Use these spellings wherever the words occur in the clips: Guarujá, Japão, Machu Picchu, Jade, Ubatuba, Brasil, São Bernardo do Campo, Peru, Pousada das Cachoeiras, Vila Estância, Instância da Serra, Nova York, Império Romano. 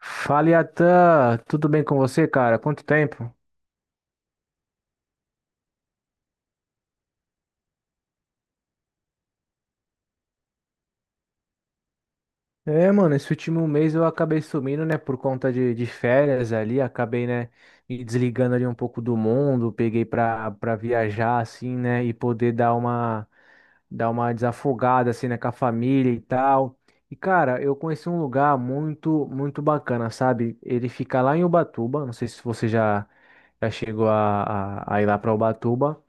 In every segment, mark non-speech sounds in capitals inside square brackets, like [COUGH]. Fala, Yatan, tudo bem com você, cara? Quanto tempo? É, mano, esse último mês eu acabei sumindo, né, por conta de férias ali, acabei, né, me desligando ali um pouco do mundo, peguei pra viajar, assim, né, e poder dar uma desafogada, assim, né, com a família e tal. E, cara, eu conheci um lugar muito, muito bacana, sabe? Ele fica lá em Ubatuba, não sei se você já chegou a ir lá pra Ubatuba,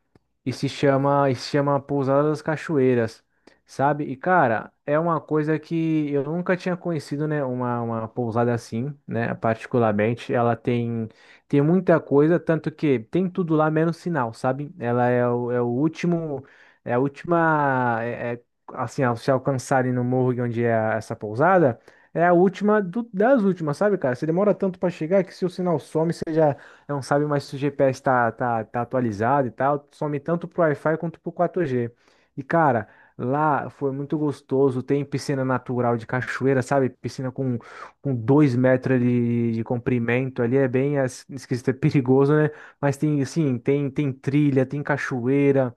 e se chama Pousada das Cachoeiras, sabe? E cara, é uma coisa que eu nunca tinha conhecido, né? Uma pousada assim, né? Particularmente, ela tem muita coisa, tanto que tem tudo lá menos sinal, sabe? Ela é o último, é a última, assim, ao se alcançarem no morro onde é essa pousada. É a última das últimas, sabe, cara? Você demora tanto para chegar que se o sinal some, você já não sabe mais se o GPS tá atualizado e tal, some tanto pro Wi-Fi quanto pro 4G. E cara, lá foi muito gostoso, tem piscina natural de cachoeira, sabe? Piscina com 2 metros de comprimento ali, é bem esquisito, é [LAUGHS] perigoso, né? Mas tem, assim, tem trilha, tem cachoeira.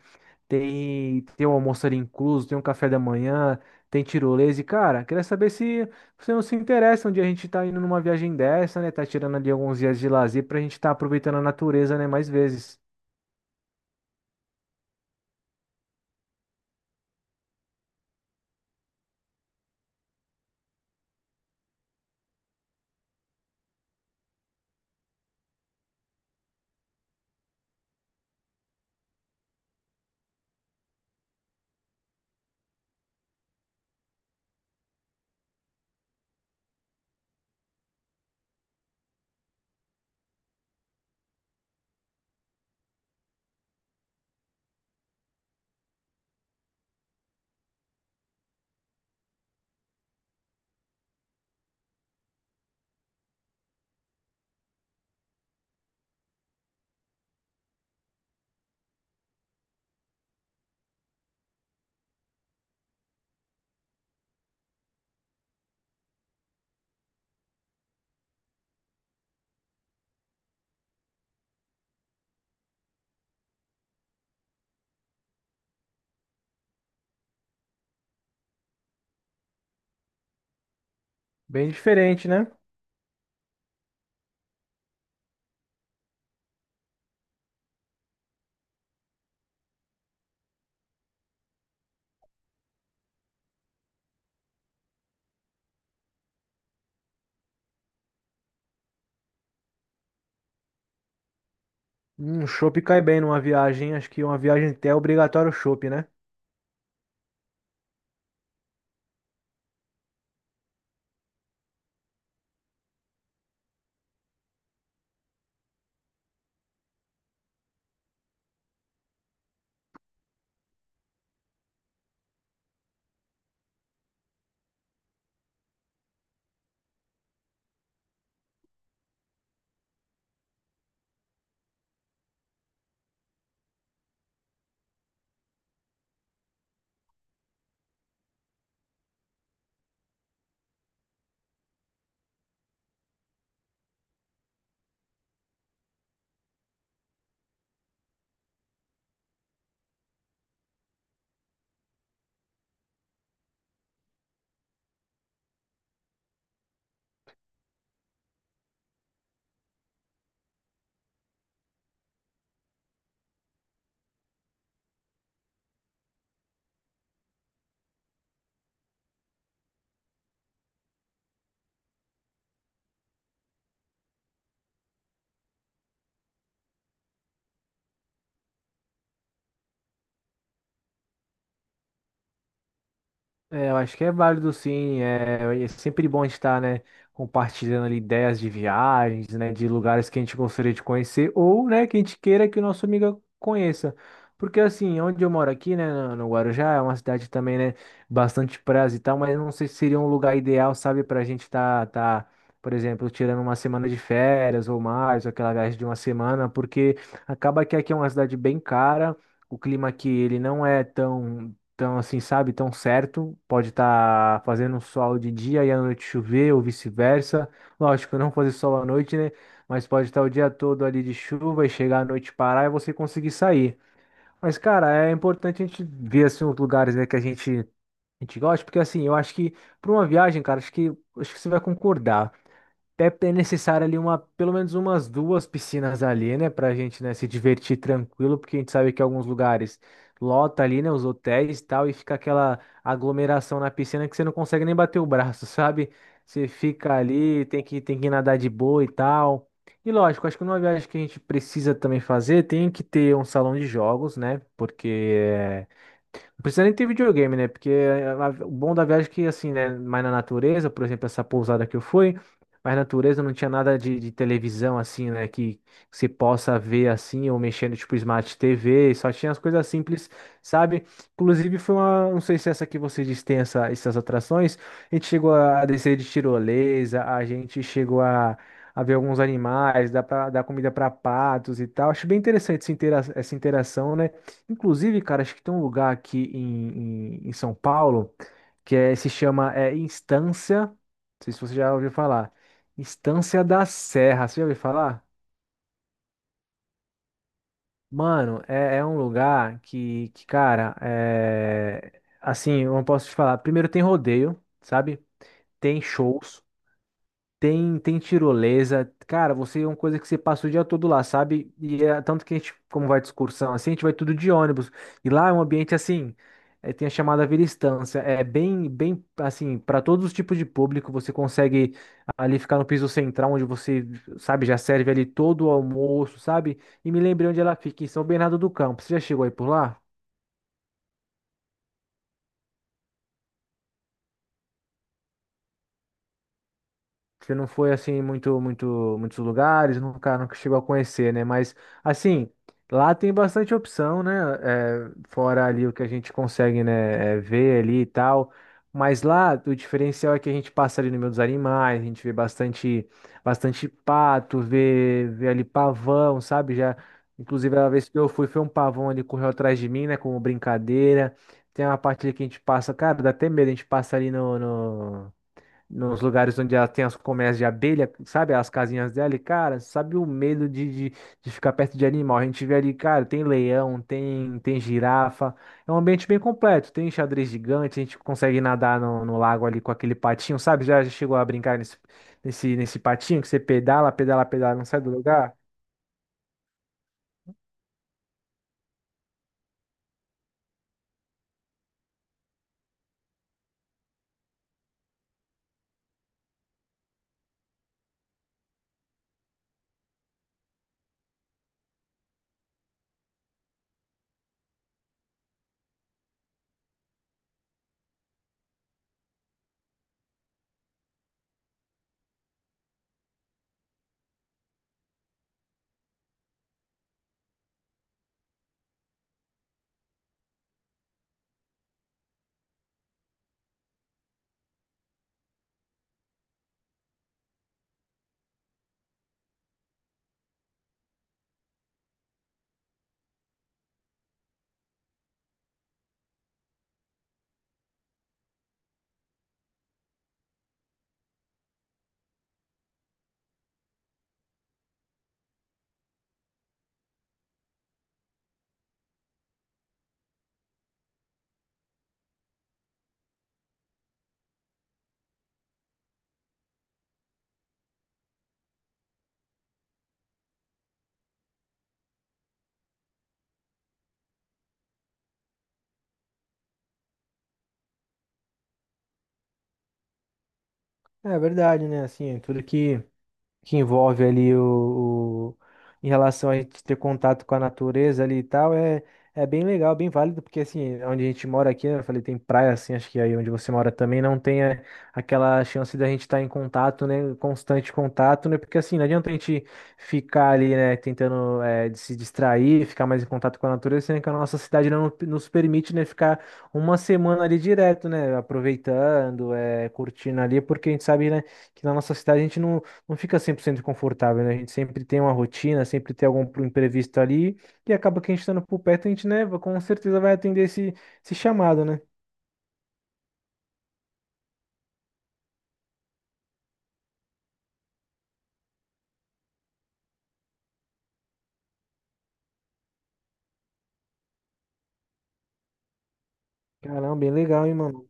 Tem o almoço ali incluso, tem um café da manhã, tem tirolesa. E, cara, queria saber se você não se interessa onde a gente tá indo numa viagem dessa, né? Tá tirando ali alguns dias de lazer pra gente tá aproveitando a natureza, né? Mais vezes. Bem diferente, né? Um chopp cai bem numa viagem. Acho que uma viagem até é obrigatório o chopp, né? É, eu acho que é válido, sim. É, sempre bom estar, né, compartilhando ali ideias de viagens, né, de lugares que a gente gostaria de conhecer ou, né, que a gente queira que o nosso amigo conheça. Porque assim, onde eu moro aqui, né, no Guarujá, é uma cidade também, né, bastante praia e tal, mas não sei se seria um lugar ideal, sabe, para a gente estar, tá, por exemplo, tirando uma semana de férias ou mais, ou aquela viagem de uma semana, porque acaba que aqui é uma cidade bem cara. O clima aqui, ele não é tão então, assim, sabe, tão certo. Pode estar fazendo um sol de dia e à noite chover, ou vice-versa. Lógico, não fazer sol à noite, né? Mas pode estar o dia todo ali de chuva e chegar à noite parar e você conseguir sair. Mas, cara, é importante a gente ver, assim, os lugares, né, que a gente gosta, porque, assim, eu acho que para uma viagem, cara, acho que você vai concordar. É necessário ali uma, pelo menos umas duas piscinas ali, né, pra gente, né, se divertir tranquilo, porque a gente sabe que alguns lugares lota ali, né, os hotéis e tal, e fica aquela aglomeração na piscina que você não consegue nem bater o braço, [LAUGHS] sabe? Você fica ali, tem que nadar de boa e tal. E lógico, acho que numa viagem que a gente precisa também fazer, tem que ter um salão de jogos, né, porque não precisa nem ter videogame, né? Porque o bom da viagem é que, assim, né? Mais na natureza, por exemplo, essa pousada que eu fui, mas na natureza não tinha nada de televisão, assim, né? Que se possa ver, assim, ou mexendo, tipo, Smart TV, só tinha as coisas simples, sabe? Inclusive, foi uma. Não sei se essa que vocês diz tem essa, essas atrações. A gente chegou a descer de tirolesa, a gente chegou a ver alguns animais, dá para dar comida para patos e tal. Acho bem interessante essa interação, né? Inclusive, cara, acho que tem um lugar aqui em São Paulo que se chama Instância. Não sei se você já ouviu falar. Instância da Serra. Você já ouviu falar? Mano, é um lugar que cara, é, assim, eu não posso te falar. Primeiro tem rodeio, sabe? Tem shows. Tem tirolesa. Cara, você é uma coisa que você passa o dia todo lá, sabe? E é tanto que a gente, como vai de excursão assim, a gente vai tudo de ônibus. E lá é um ambiente assim, tem a chamada Vila Estância. É bem, bem assim, para todos os tipos de público, você consegue ali ficar no piso central, onde você, sabe, já serve ali todo o almoço, sabe? E me lembrei onde ela fica, em São Bernardo do Campo. Você já chegou aí por lá? Você não foi assim em muito, muito, muitos lugares, nunca chegou a conhecer, né? Mas assim, lá tem bastante opção, né? É, fora ali o que a gente consegue, né? Ver ali e tal. Mas lá o diferencial é que a gente passa ali no meio dos animais, a gente vê bastante, bastante pato, vê ali pavão, sabe? Já, inclusive a vez que eu fui, foi um pavão ali correu atrás de mim, né? Como brincadeira. Tem uma parte ali que a gente passa, cara, dá até medo, a gente passa ali nos lugares onde ela tem as colmeias de abelha, sabe? As casinhas dela, e, cara, sabe o medo de ficar perto de animal? A gente vê ali, cara, tem leão, tem girafa, é um ambiente bem completo, tem xadrez gigante, a gente consegue nadar no, lago ali com aquele patinho, sabe? Já chegou a brincar nesse patinho que você pedala, pedala, pedala, não sai do lugar? É verdade, né? Assim, é tudo Que. Envolve ali em relação a gente ter contato com a natureza ali e tal, é bem legal, bem válido, porque assim, onde a gente mora aqui, né, eu falei, tem praia assim, acho que aí onde você mora também não tem aquela chance da gente estar em contato, né, constante contato, né, porque assim, não adianta a gente ficar ali, né, tentando de se distrair, ficar mais em contato com a natureza, sendo que a nossa cidade não nos permite, né, ficar uma semana ali direto, né, aproveitando, curtindo ali, porque a gente sabe, né, que na nossa cidade a gente não fica 100% confortável, né? A gente sempre tem uma rotina, sempre tem algum pro imprevisto ali, e acaba que a gente estando por perto, a gente, né, com certeza vai atender esse, chamado, né? Caramba, bem legal, hein, mano?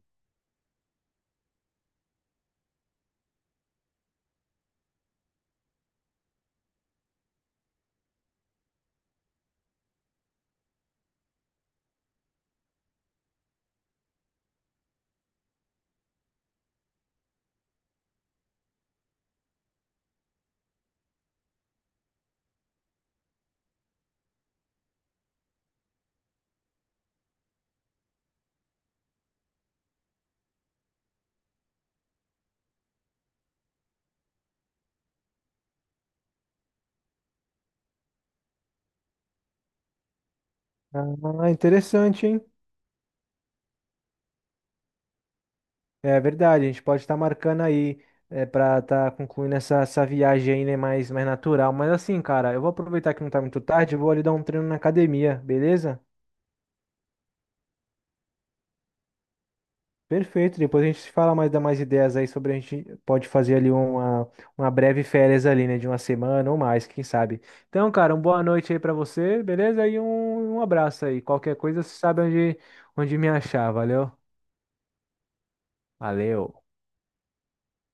Ah, interessante, hein? É verdade, a gente pode estar marcando aí para estar concluindo essa viagem aí, né, mais natural. Mas assim, cara, eu vou aproveitar que não tá muito tarde, eu vou ali dar um treino na academia, beleza? Perfeito, depois a gente se fala mais, dá mais ideias aí sobre a gente pode fazer ali uma, breve férias ali, né, de uma semana ou mais, quem sabe. Então, cara, uma boa noite aí pra você, beleza? E um, abraço aí. Qualquer coisa, você sabe onde, me achar, valeu? Valeu.